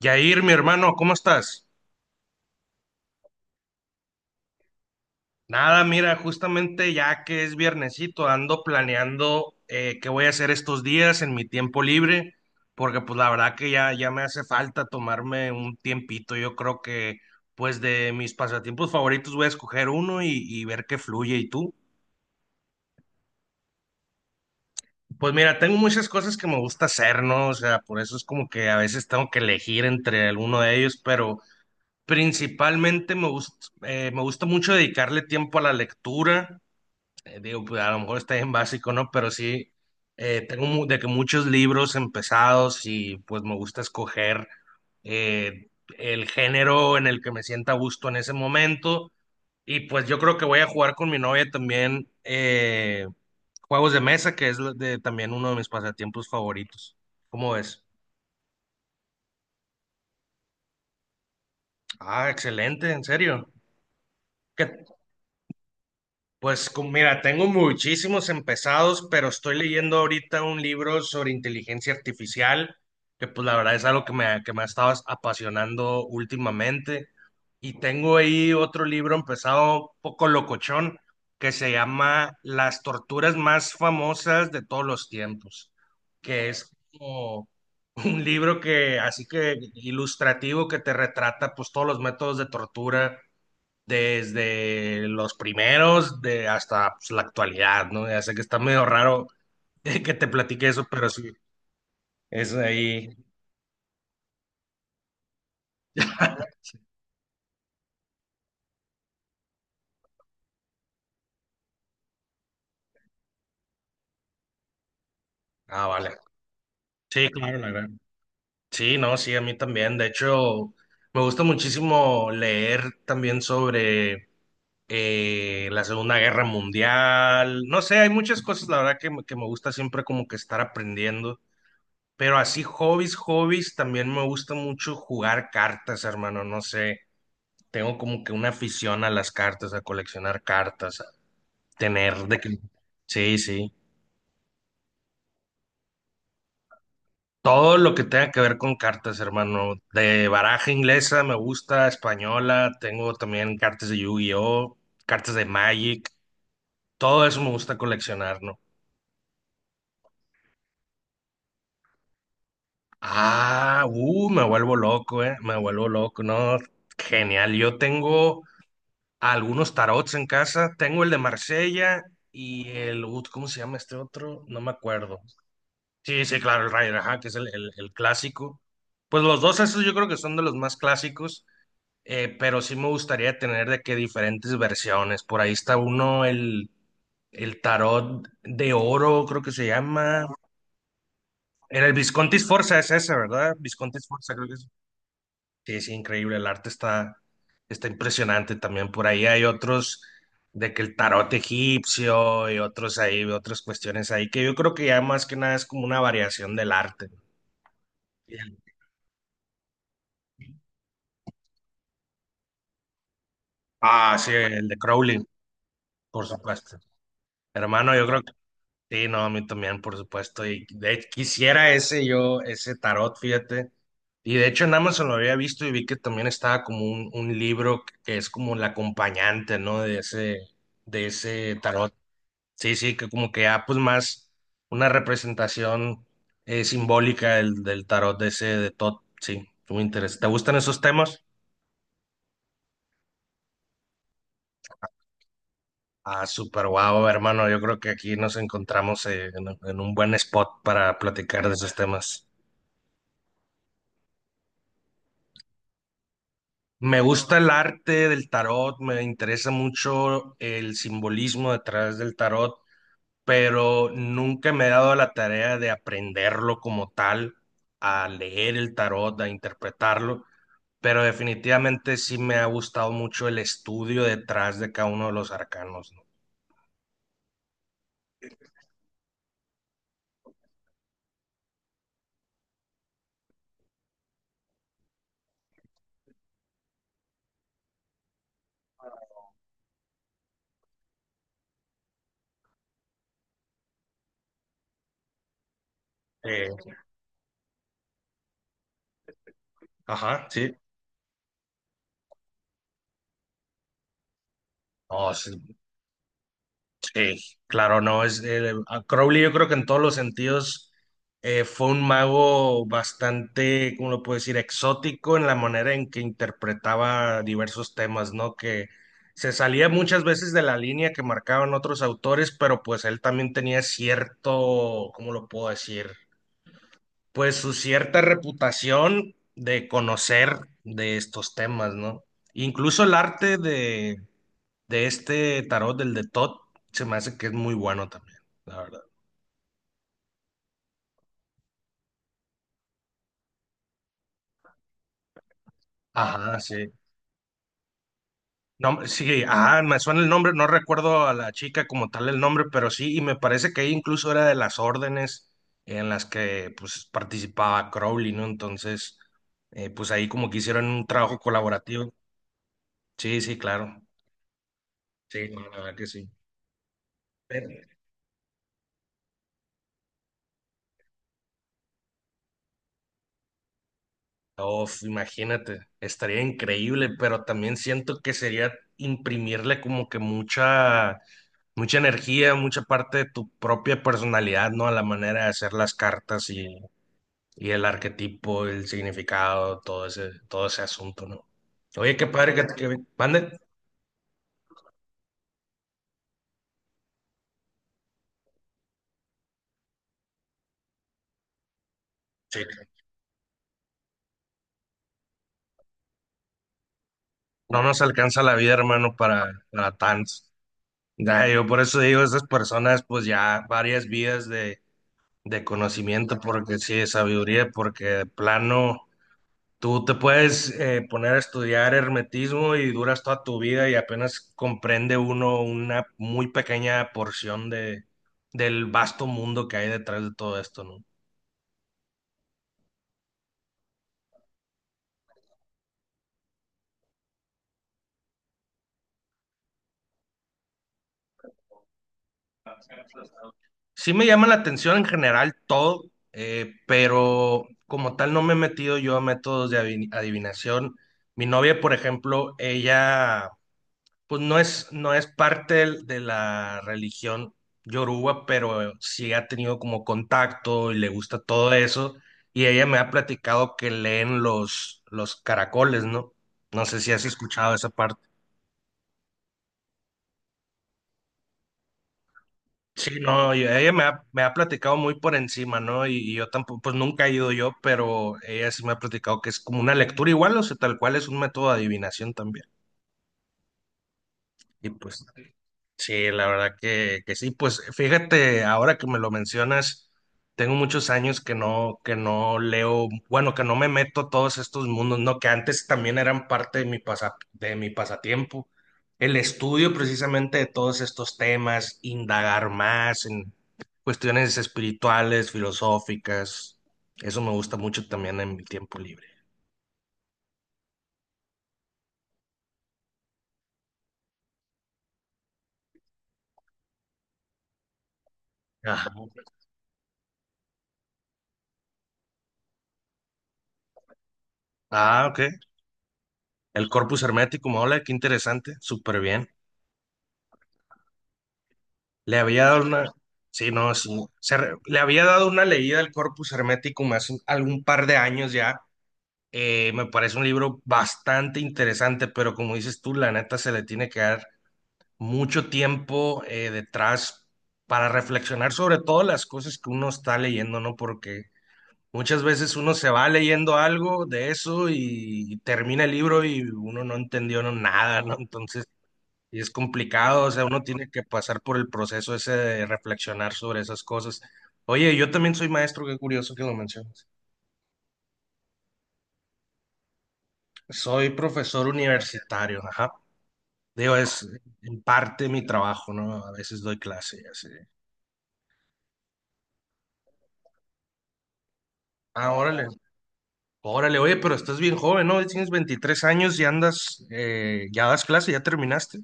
Yair, mi hermano, ¿cómo estás? Nada, mira, justamente ya que es viernesito, ando planeando qué voy a hacer estos días en mi tiempo libre, porque pues la verdad que ya me hace falta tomarme un tiempito. Yo creo que pues de mis pasatiempos favoritos voy a escoger uno y ver qué fluye. ¿Y tú? Pues mira, tengo muchas cosas que me gusta hacer, ¿no? O sea, por eso es como que a veces tengo que elegir entre alguno de ellos, pero principalmente me gusta mucho dedicarle tiempo a la lectura. Digo, pues, a lo mejor está en básico, ¿no? Pero sí, tengo mu- de que muchos libros empezados y pues me gusta escoger eh, el género en el que me sienta a gusto en ese momento. Y pues yo creo que voy a jugar con mi novia también juegos de mesa, que es lo de, también uno de mis pasatiempos favoritos. ¿Cómo ves? Ah, excelente, en serio. ¿Qué Pues mira, tengo muchísimos empezados, pero estoy leyendo ahorita un libro sobre inteligencia artificial, que pues la verdad es algo que que me ha estado apasionando últimamente. Y tengo ahí otro libro empezado un poco locochón, que se llama Las torturas más famosas de todos los tiempos, que es como un libro que, así que ilustrativo, que te retrata pues todos los métodos de tortura desde los primeros de hasta pues, la actualidad, ¿no? Ya sé que está medio raro que te platique eso, pero sí, es ahí. Ah, vale. Sí, claro, la verdad. Sí, no, sí, a mí también. De hecho, me gusta muchísimo leer también sobre la Segunda Guerra Mundial. No sé, hay muchas cosas, la verdad, que, que me gusta siempre como que estar aprendiendo. Pero así, hobbies, hobbies, también me gusta mucho jugar cartas, hermano. No sé. Tengo como que una afición a las cartas, a coleccionar cartas, a tener de que... Sí, sí. Todo lo que tenga que ver con cartas, hermano. De baraja inglesa me gusta, española, tengo también cartas de Yu-Gi-Oh, cartas de Magic, todo eso me gusta coleccionar, ¿no? Ah, me vuelvo loco, no, genial. Yo tengo algunos tarots en casa, tengo el de Marsella y el, ¿cómo se llama este otro? No me acuerdo. Sí, sí, claro, el Ryder, ajá, que es el clásico. Pues los dos, esos yo creo que son de los más clásicos, pero sí me gustaría tener de que diferentes versiones. Por ahí está uno, el tarot de oro, creo que se llama. Era el Visconti Sforza, es ese, ¿verdad? Visconti Sforza, creo que es. Sí, sí, increíble, el arte está impresionante también. Por ahí hay otros de que el tarot egipcio y otros ahí, otras cuestiones ahí, que yo creo que ya más que nada es como una variación del arte. Ah, sí, el de Crowley, por supuesto. Hermano, yo creo que sí, no, a mí también, por supuesto. Y de hecho, quisiera ese yo, ese tarot, fíjate. Y de hecho en Amazon lo había visto y vi que también estaba como un libro que es como el acompañante, ¿no? De ese tarot. Sí, sí, que como que ya pues más una representación simbólica del tarot de ese de Todd. Sí, muy interesante. ¿Te gustan esos temas? Ah, súper guau, hermano. Yo creo que aquí nos encontramos en un buen spot para platicar de esos temas. Me gusta el arte del tarot, me interesa mucho el simbolismo detrás del tarot, pero nunca me he dado la tarea de aprenderlo como tal, a leer el tarot, a interpretarlo, pero definitivamente sí me ha gustado mucho el estudio detrás de cada uno de los arcanos, ¿no? Eh, ajá, sí. No, sí, claro, no, es a Crowley yo creo que en todos los sentidos fue un mago bastante, ¿cómo lo puedo decir?, exótico en la manera en que interpretaba diversos temas, ¿no? Que se salía muchas veces de la línea que marcaban otros autores, pero pues él también tenía cierto, ¿cómo lo puedo decir? Pues su cierta reputación de conocer de estos temas, ¿no? Incluso el arte de este tarot, del de Todd, se me hace que es muy bueno también, la verdad. Ajá, sí. No, sí, ajá, me suena el nombre, no recuerdo a la chica como tal el nombre, pero sí, y me parece que ella incluso era de las órdenes en las que pues participaba Crowley, ¿no? Entonces, pues ahí como que hicieron un trabajo colaborativo. Sí, sí, claro. Sí, no, la verdad que sí. Uf, imagínate, estaría increíble, pero también siento que sería imprimirle como que mucha, mucha energía, mucha parte de tu propia personalidad, ¿no? A la manera de hacer las cartas y el arquetipo, el significado, todo ese asunto, ¿no? Oye, qué padre que, mande. Sí, no nos alcanza la vida, hermano, para tanto. Ya, yo por eso digo, esas personas, pues ya varias vidas de, conocimiento, porque sí, de sabiduría, porque de plano tú te puedes poner a estudiar hermetismo y duras toda tu vida y apenas comprende uno una muy pequeña porción del vasto mundo que hay detrás de todo esto, ¿no? Sí me llama la atención en general todo, pero como tal no me he metido yo a métodos de adivinación. Mi novia, por ejemplo, ella pues no es parte de la religión yoruba, pero sí ha tenido como contacto y le gusta todo eso. Y ella me ha platicado que leen los caracoles, ¿no? No sé si has escuchado esa parte. Sí, no, y ella me ha platicado muy por encima, ¿no? Y yo tampoco, pues nunca he ido yo, pero ella sí me ha platicado que es como una lectura igual, o sea, tal cual es un método de adivinación también. Y pues, sí, la verdad que, sí. Pues fíjate, ahora que me lo mencionas, tengo muchos años que no leo, bueno, que no me meto a todos estos mundos, ¿no? Que antes también eran parte de mi pasatiempo. El estudio precisamente de todos estos temas, indagar más en cuestiones espirituales, filosóficas. Eso me gusta mucho también en mi tiempo libre. Ajá. Ah, ok. El Corpus Hermeticum, hola, qué interesante, súper bien. Le había dado una, sí, no, sí, le había dado una leída al Corpus Hermeticum hace algún par de años ya. Me parece un libro bastante interesante, pero como dices tú, la neta se le tiene que dar mucho tiempo detrás para reflexionar sobre todas las cosas que uno está leyendo, ¿no? Porque muchas veces uno se va leyendo algo de eso y, termina el libro y uno no entendió no, nada, ¿no? Entonces y es complicado, o sea, uno tiene que pasar por el proceso ese de reflexionar sobre esas cosas. Oye, yo también soy maestro, qué curioso que lo mencionas. Soy profesor universitario, ajá. Digo, es en parte mi trabajo, ¿no? A veces doy clase y así. Ah, órale, órale, oye, pero estás bien joven, ¿no? Tienes 23 años y andas, ya das clase, ya terminaste.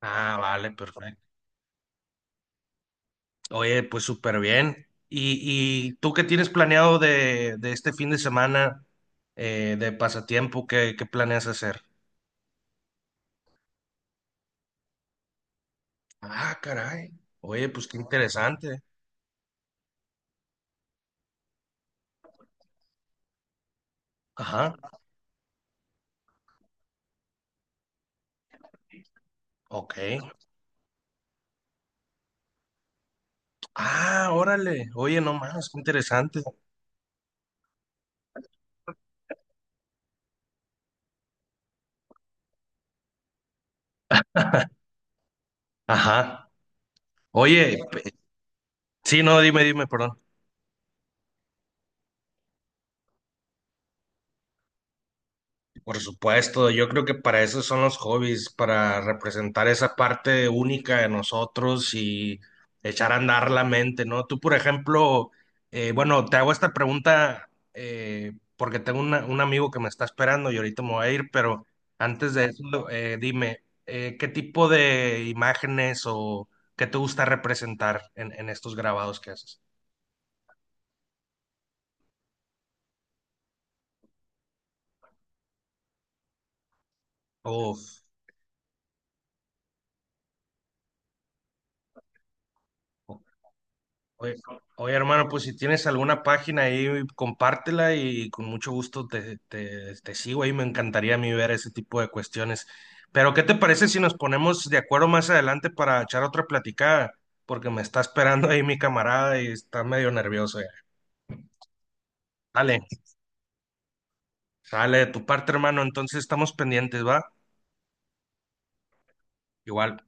Ah, vale, perfecto. Oye, pues súper bien. ¿Y tú qué tienes planeado de este fin de semana de pasatiempo? ¿Qué planeas hacer? Ah, caray. Oye, pues qué interesante. Ajá, ok. Ah, órale. Oye, no más, qué interesante. Ajá. Oye, sí, no, dime, dime, perdón. Por supuesto, yo creo que para eso son los hobbies, para representar esa parte única de nosotros y echar a andar la mente, ¿no? Tú, por ejemplo, bueno, te hago esta pregunta porque tengo un amigo que me está esperando y ahorita me voy a ir, pero antes de eso, dime, ¿qué tipo de imágenes o qué te gusta representar en, estos grabados que haces? Uf, oye, oye, hermano, pues si tienes alguna página ahí, compártela y con mucho gusto te sigo ahí. Me encantaría a mí ver ese tipo de cuestiones. Pero, ¿qué te parece si nos ponemos de acuerdo más adelante para echar otra platicada? Porque me está esperando ahí mi camarada y está medio nervioso ya. Dale, sale de tu parte, hermano. Entonces estamos pendientes, ¿va? Igual.